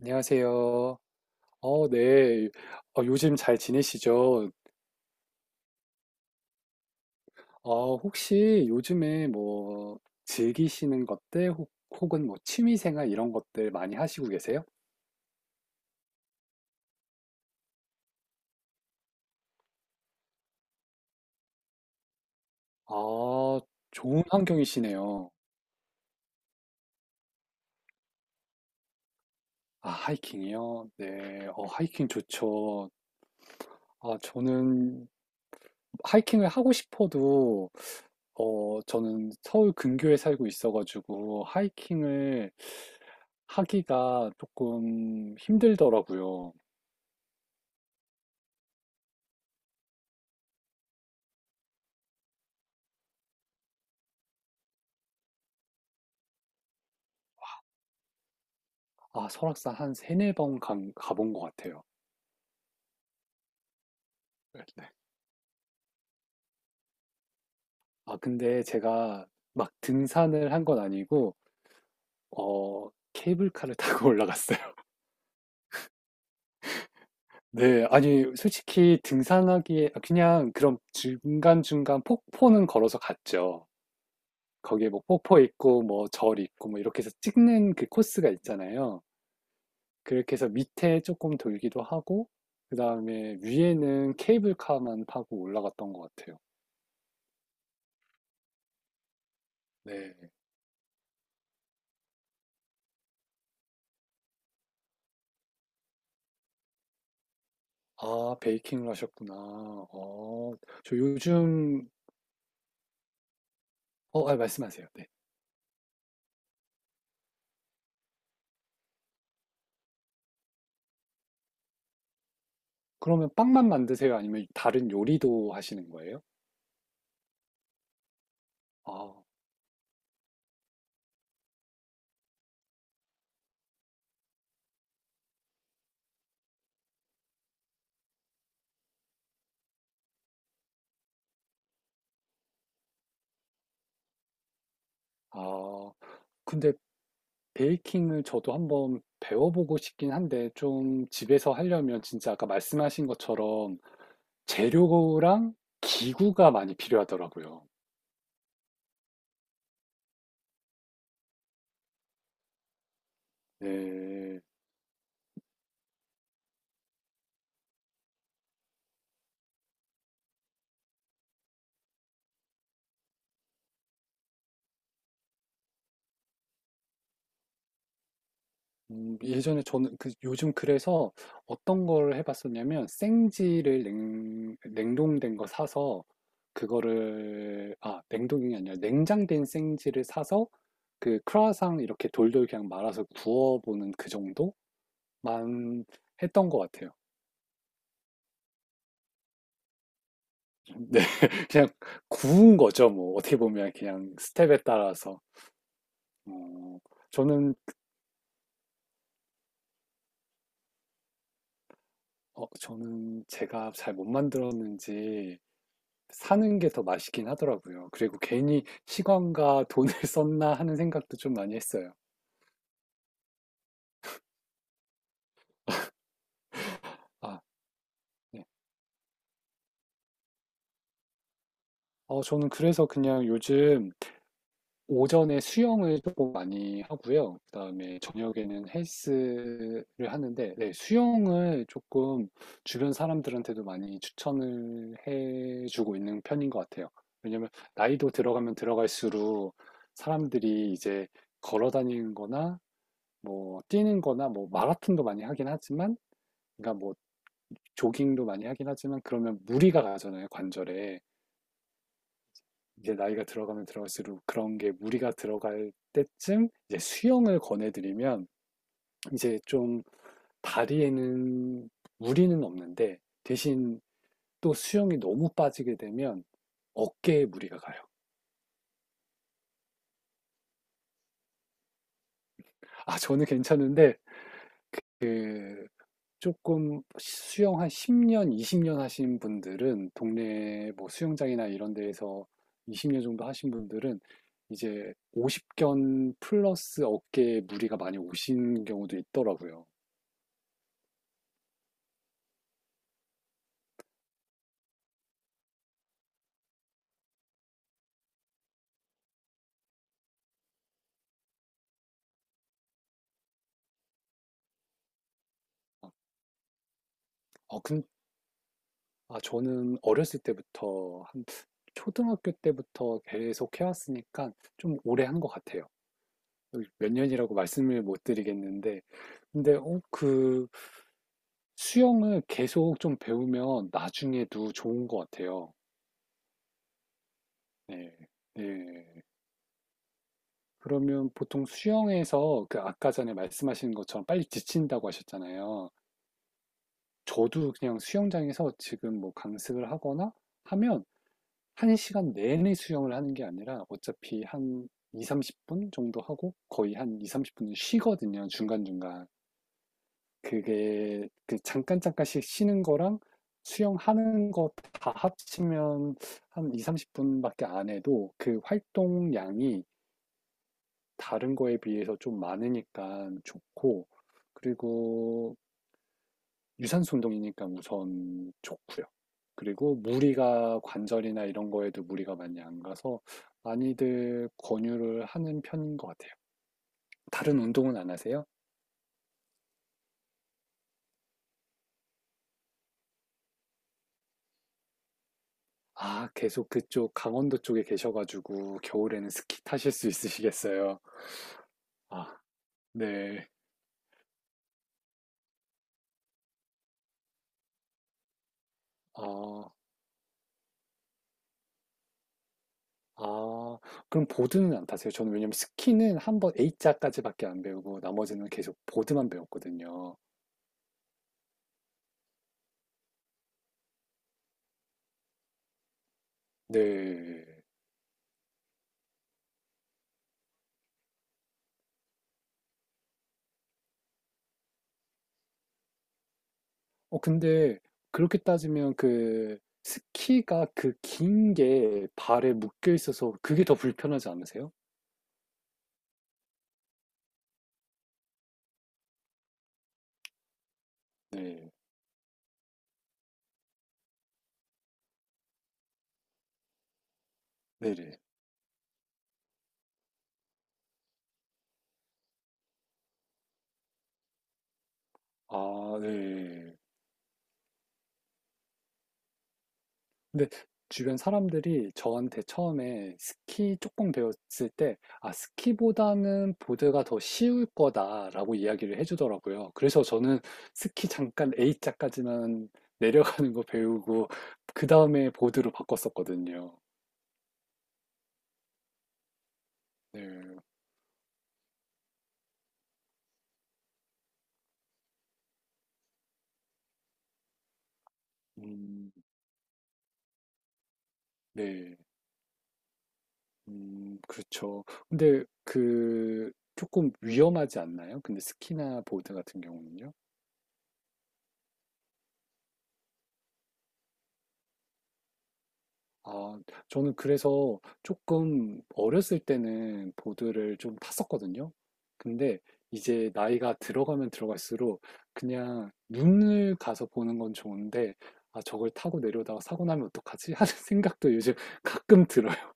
안녕하세요. 어, 네. 요즘 잘 지내시죠? 혹시 요즘에 뭐 즐기시는 것들 혹은 뭐 취미생활 이런 것들 많이 하시고 계세요? 아, 좋은 환경이시네요. 아, 하이킹이요? 네. 하이킹 좋죠. 아, 저는 하이킹을 하고 싶어도, 저는 서울 근교에 살고 있어가지고, 하이킹을 하기가 조금 힘들더라고요. 아, 설악산 한 세네 번 가본 것 같아요. 네, 네. 아, 근데 제가 막 등산을 한 건 아니고 케이블카를 타고 올라갔어요. 네, 아니 솔직히 등산하기에 그냥 그런 중간중간 폭포는 걸어서 갔죠. 거기에 뭐 폭포 있고 뭐 절 있고 뭐 이렇게 해서 찍는 그 코스가 있잖아요. 그렇게 해서 밑에 조금 돌기도 하고 그다음에 위에는 케이블카만 타고 올라갔던 것 같아요. 네. 아, 베이킹을 하셨구나. 저 요즘, 아, 말씀하세요. 네. 그러면 빵만 만드세요? 아니면 다른 요리도 하시는 거예요? 아, 아, 근데 베이킹을 저도 한번 배워보고 싶긴 한데, 좀 집에서 하려면 진짜 아까 말씀하신 것처럼 재료랑 기구가 많이 필요하더라고요. 네. 예전에 저는 요즘 그래서 어떤 걸 해봤었냐면 생지를 냉동된 거 사서 그거를 아, 냉동이 아니라 냉장된 생지를 사서 그 크라상 이렇게 돌돌 그냥 말아서 구워보는 그 정도만 했던 것 같아요. 네, 그냥 구운 거죠. 뭐 어떻게 보면 그냥 스텝에 따라서. 어, 저는 저는 제가 잘 못 만들었는지 사는 게 더 맛있긴 하더라고요. 그리고 괜히 시간과 돈을 썼나 하는 생각도 좀 많이 했어요. 아, 네. 저는 그래서 그냥 요즘 오전에 수영을 조금 많이 하고요. 그다음에 저녁에는 헬스를 하는데, 네, 수영을 조금 주변 사람들한테도 많이 추천을 해주고 있는 편인 것 같아요. 왜냐면 나이도 들어가면 들어갈수록 사람들이 이제 걸어 다니는 거나 뭐 뛰는 거나 뭐 마라톤도 많이 하긴 하지만, 그러니까 뭐 조깅도 많이 하긴 하지만, 그러면 무리가 가잖아요, 관절에. 이제 나이가 들어가면 들어갈수록 그런 게 무리가 들어갈 때쯤 이제 수영을 권해드리면 이제 좀 다리에는 무리는 없는데 대신 또 수영이 너무 빠지게 되면 어깨에 무리가 가요. 아, 저는 괜찮은데 그 조금 수영 한 10 년, 20년 하신 분들은 동네 뭐 수영장이나 이런 데에서 20년 정도 하신 분들은 이제 50견 플러스 어깨에 무리가 많이 오신 경우도 있더라고요. 아, 저는 어렸을 때부터 한 초등학교 때부터 계속 해왔으니까 좀 오래 한 것 같아요. 그 몇 년이라고 말씀을 못 드리겠는데, 근데 수영을 계속 좀 배우면 나중에도 좋은 것 같아요. 네. 네. 그러면 보통 수영에서 아까 전에 말씀하신 것처럼 빨리 지친다고 하셨잖아요. 저도 그냥 수영장에서 지금 뭐 강습을 하거나 하면 한 시간 내내 수영을 하는 게 아니라 어차피 한 2, 30분 정도 하고 거의 한 2, 30분은 쉬거든요. 중간중간. 그게 그 잠깐 잠깐씩 쉬는 거랑 수영하는 거 다 합치면 한 2, 30분밖에 안 해도 그 활동량이 다른 거에 비해서 좀 많으니까 좋고, 그리고 유산소 운동이니까 우선 좋고요. 그리고 무리가 관절이나 이런 거에도 무리가 많이 안 가서 많이들 권유를 하는 편인 것 같아요. 다른 운동은 안 하세요? 아, 계속 그쪽 강원도 쪽에 계셔가지고 겨울에는 스키 타실 수 있으시겠어요. 아, 네. 아, 아, 그럼 보드는 안 타세요? 저는 왜냐면 스키는 한번 A자까지밖에 안 배우고 나머지는 계속 보드만 배웠거든요. 네. 근데 그렇게 따지면 그 스키가 그 긴게 발에 묶여 있어서 그게 더 불편하지 않으세요? 네. 네네. 아, 네. 근데 주변 사람들이 저한테 처음에 스키 조금 배웠을 때, 아, 스키보다는 보드가 더 쉬울 거다라고 이야기를 해주더라고요. 그래서 저는 스키 잠깐 A자까지만 내려가는 거 배우고, 그 다음에 보드로 바꿨었거든요. 네, 음, 네, 그렇죠. 근데 조금 위험하지 않나요? 근데 스키나 보드 같은 경우는요? 아, 저는 그래서 조금 어렸을 때는 보드를 좀 탔었거든요. 근데 이제 나이가 들어가면 들어갈수록 그냥 눈을 가서 보는 건 좋은데, 아, 저걸 타고 내려다가 사고 나면 어떡하지? 하는 생각도 요즘 가끔 들어요.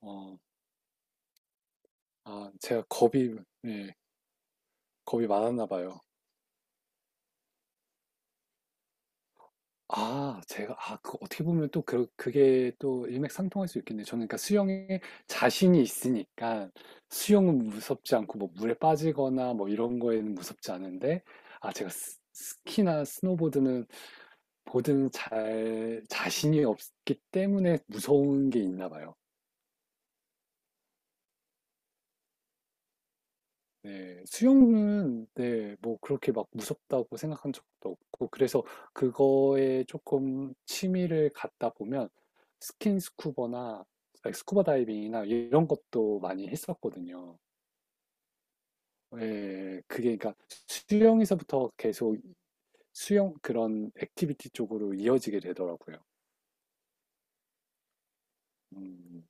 어, 제가 예, 겁이 많았나 봐요. 아 제가 아 그 어떻게 보면 또 그게 또 일맥상통할 수 있겠네요. 저는 그러니까 수영에 자신이 있으니까 수영은 무섭지 않고 뭐 물에 빠지거나 뭐 이런 거에는 무섭지 않은데 제가 스 스키나 스노보드는 보드는 잘 자신이 없기 때문에 무서운 게 있나 봐요. 네, 수영은 네, 뭐 그렇게 막 무섭다고 생각한 적도 없고 그래서 그거에 조금 취미를 갖다 보면 스킨 스쿠버나 아니, 스쿠버 다이빙이나 이런 것도 많이 했었거든요. 예, 그게 그러니까 수영에서부터 계속 수영 그런 액티비티 쪽으로 이어지게 되더라고요. 음.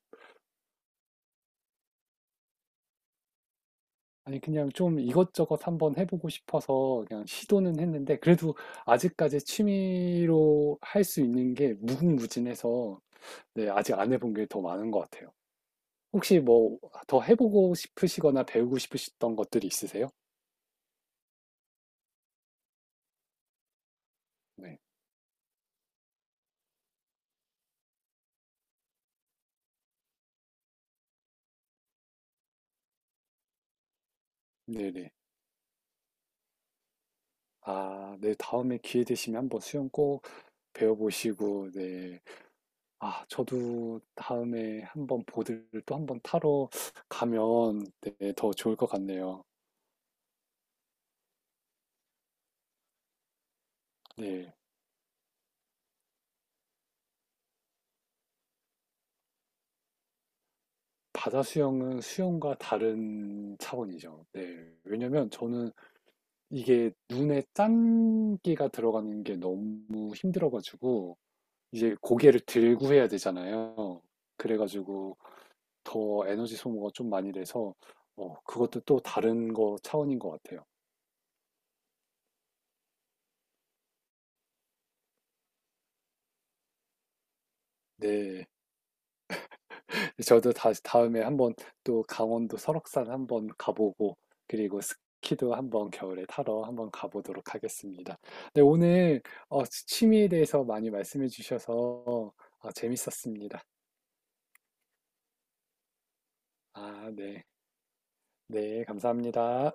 아니 그냥 좀 이것저것 한번 해보고 싶어서 그냥 시도는 했는데 그래도 아직까지 취미로 할 수 있는 게 무궁무진해서, 네, 아직 안 해본 게 더 많은 것 같아요. 혹시 뭐 더 해보고 싶으시거나 배우고 싶으셨던 것들이 있으세요? 네, 네네. 아, 네, 다음에 기회 되시면 한번 수영 꼭 배워보시고, 네. 아, 저도 다음에 한번 보드를 또 한번 타러 가면, 네, 더 좋을 것 같네요. 네. 바다 수영은 수영과 다른 차원이죠. 네. 왜냐면 저는 이게 눈에 짠기가 들어가는 게 너무 힘들어가지고 이제 고개를 들고 해야 되잖아요. 그래가지고 더 에너지 소모가 좀 많이 돼서 그것도 또 다른 거 차원인 것 같아요. 네. 저도 다시 다음에 한번 또 강원도 설악산 한번 가보고 그리고 스키도 한번 겨울에 타러 한번 가보도록 하겠습니다. 네, 오늘 취미에 대해서 많이 말씀해 주셔서 재밌었습니다. 아, 네. 네, 감사합니다.